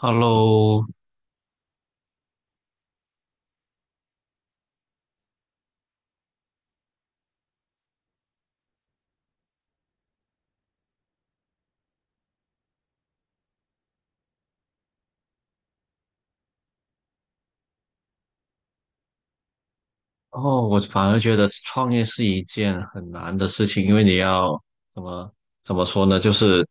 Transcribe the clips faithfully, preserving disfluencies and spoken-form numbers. Hello，哦，我反而觉得创业是一件很难的事情，因为你要怎么怎么说呢，就是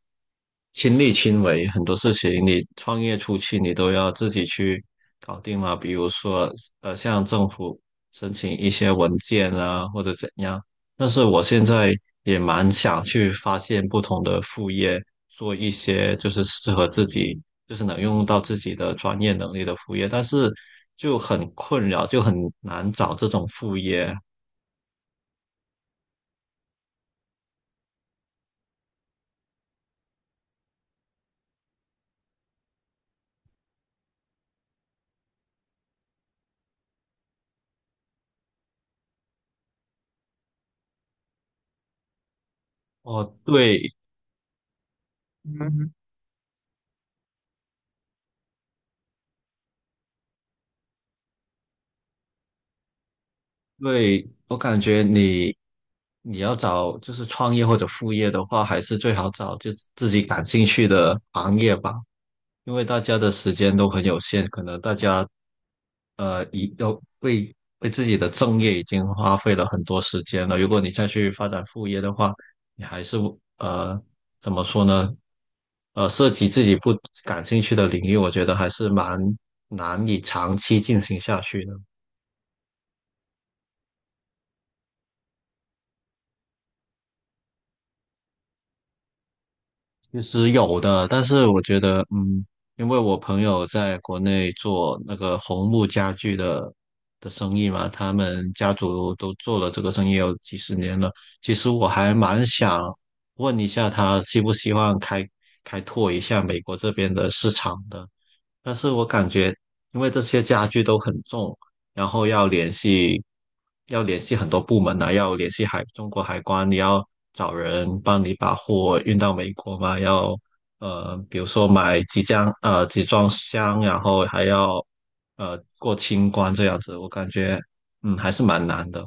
亲力亲为，很多事情你创业初期你都要自己去搞定嘛，比如说呃，向政府申请一些文件啊，或者怎样。但是我现在也蛮想去发现不同的副业，做一些就是适合自己就是能用到自己的专业能力的副业，但是就很困扰，就很难找这种副业。哦，对对，我感觉你你要找就是创业或者副业的话，还是最好找就自己感兴趣的行业吧。因为大家的时间都很有限，可能大家呃已要为为自己的正业已经花费了很多时间了。如果你再去发展副业的话，你还是呃怎么说呢？呃，涉及自己不感兴趣的领域，我觉得还是蛮难以长期进行下去的。其实有的，但是我觉得，嗯，因为我朋友在国内做那个红木家具的的生意嘛，他们家族都做了这个生意有几十年了。其实我还蛮想问一下他，希不希望开开拓一下美国这边的市场的，但是我感觉，因为这些家具都很重，然后要联系，要联系很多部门啊，要联系海，中国海关，你要找人帮你把货运到美国嘛，要呃，比如说买几箱呃集装箱，然后还要呃过清关这样子，我感觉嗯还是蛮难的，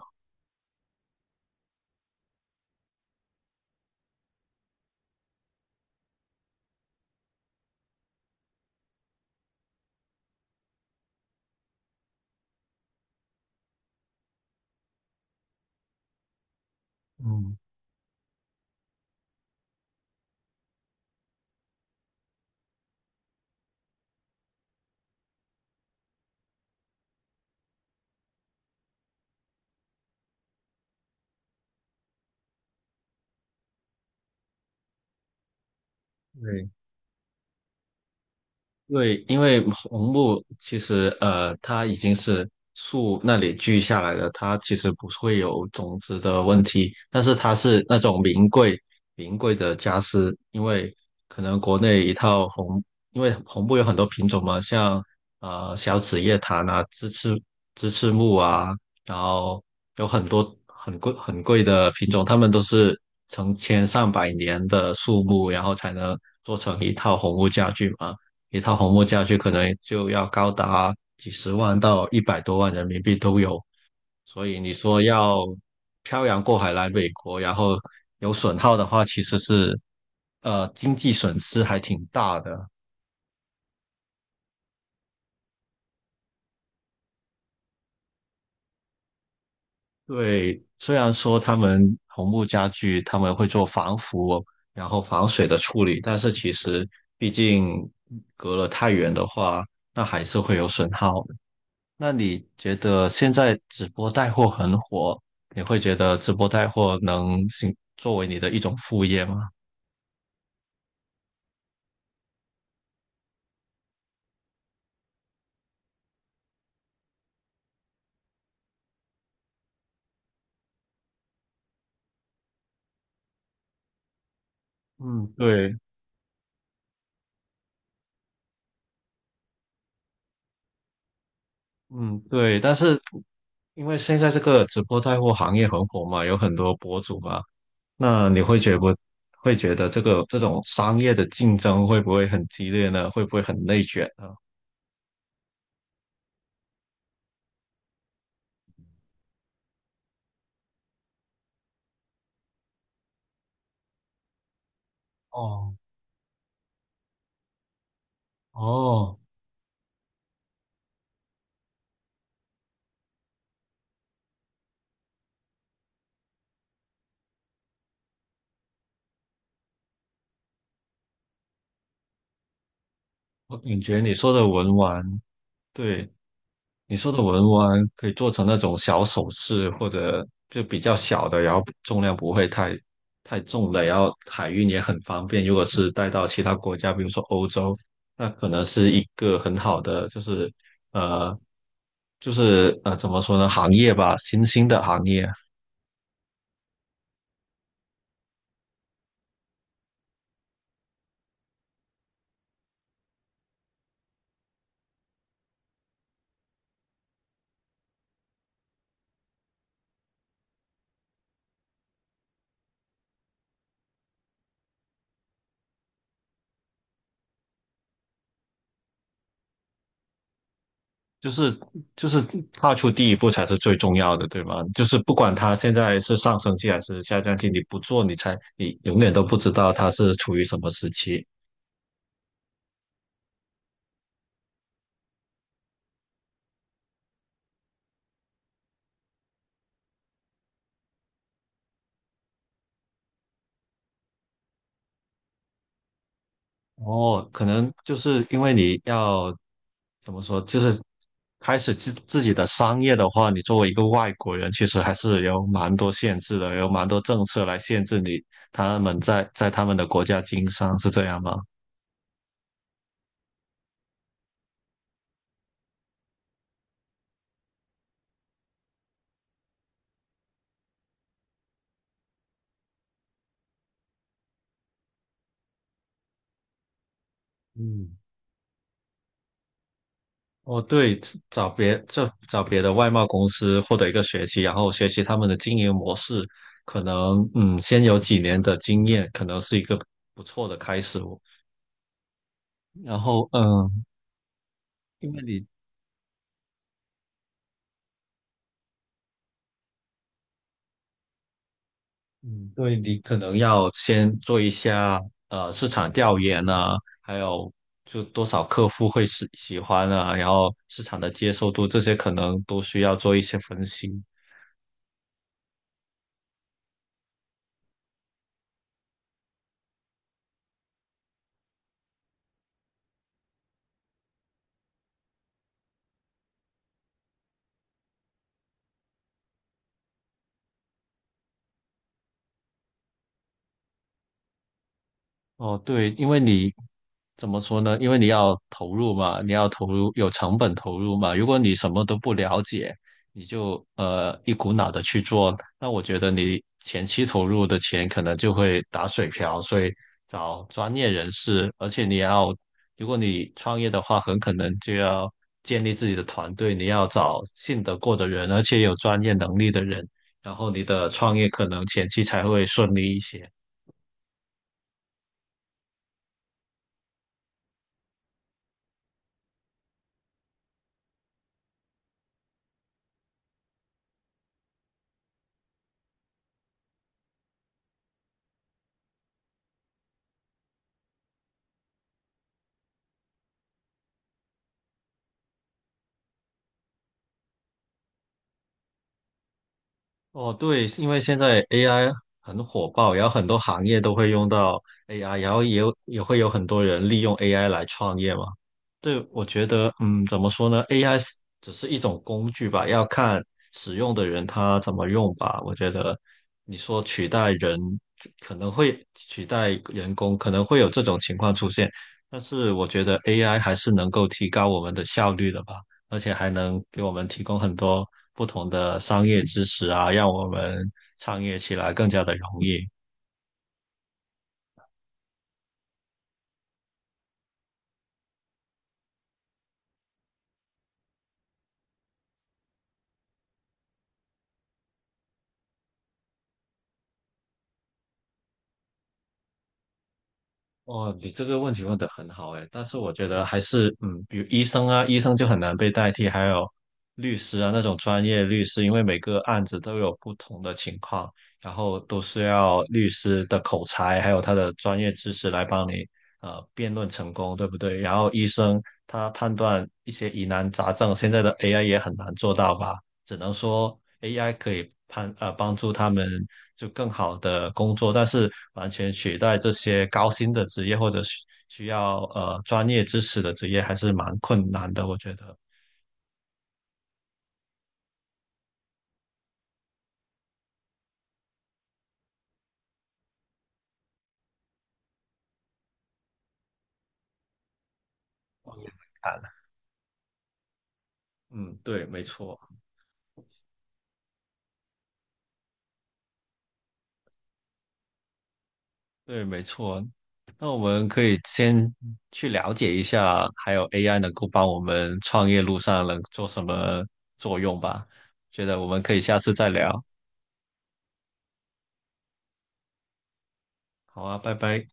嗯，对。对，因为红木其实呃，它已经是树那里锯下来的，它其实不会有种子的问题，但是它是那种名贵名贵的家私，因为可能国内一套红，因为红木有很多品种嘛，像呃小紫叶檀啊、鸡翅鸡翅木啊，然后有很多很贵很贵的品种，它们都是成千上百年的树木，然后才能做成一套红木家具嘛。一套红木家具可能就要高达几十万到一百多万人民币都有。所以你说要漂洋过海来美国，然后有损耗的话，其实是呃经济损失还挺大的。对，虽然说他们红木家具他们会做防腐，然后防水的处理，但是其实毕竟隔了太远的话，那还是会有损耗。那你觉得现在直播带货很火，你会觉得直播带货能行作为你的一种副业吗？嗯，对，嗯，对，但是因为现在这个直播带货行业很火嘛，有很多博主嘛，那你会觉不会觉得这个这种商业的竞争会不会很激烈呢？会不会很内卷呢？哦哦，我感觉你说的文玩，对，你说的文玩可以做成那种小首饰，或者就比较小的，然后重量不会太太重的，然后海运也很方便。如果是带到其他国家，比如说欧洲，那可能是一个很好的，就是呃，就是呃，怎么说呢，行业吧，新兴的行业，就是就是踏出第一步才是最重要的，对吗？就是不管它现在是上升期还是下降期，你不做，你才你永远都不知道它是处于什么时期。哦，可能就是因为你要怎么说，就是开始自自己的商业的话，你作为一个外国人，其实还是有蛮多限制的，有蛮多政策来限制你他们在在他们的国家经商，是这样吗？嗯。哦，对，找别就找别的外贸公司获得一个学习，然后学习他们的经营模式，可能嗯，先有几年的经验，可能是一个不错的开始哦。然后嗯，因为你。嗯，对，你可能要先做一下呃市场调研啊，还有就多少客户会喜喜欢啊，然后市场的接受度这些可能都需要做一些分析。哦，对，因为你怎么说呢？因为你要投入嘛，你要投入有成本投入嘛。如果你什么都不了解，你就呃一股脑的去做，那我觉得你前期投入的钱可能就会打水漂。所以找专业人士，而且你要，如果你创业的话，很可能就要建立自己的团队，你要找信得过的人，而且有专业能力的人，然后你的创业可能前期才会顺利一些。哦，对，是因为现在 A I 很火爆，然后很多行业都会用到 A I，然后也有也会有很多人利用 A I 来创业嘛。对，我觉得，嗯，怎么说呢？A I 只是一种工具吧，要看使用的人他怎么用吧。我觉得你说取代人可能会取代人工，可能会有这种情况出现，但是我觉得 A I 还是能够提高我们的效率的吧。而且还能给我们提供很多不同的商业知识啊，让我们创业起来更加的容易。哦，你这个问题问得很好诶，但是我觉得还是，嗯，比如医生啊，医生就很难被代替，还有律师啊那种专业律师，因为每个案子都有不同的情况，然后都是要律师的口才还有他的专业知识来帮你呃辩论成功，对不对？然后医生他判断一些疑难杂症，现在的 A I 也很难做到吧？只能说 A I 可以帮呃帮助他们就更好的工作，但是完全取代这些高薪的职业或者需需要呃专业知识的职业还是蛮困难的，我觉得。嗯，对，没错，对，没错。那我们可以先去了解一下，还有 A I 能够帮我们创业路上能做什么作用吧？觉得我们可以下次再聊。好啊，拜拜。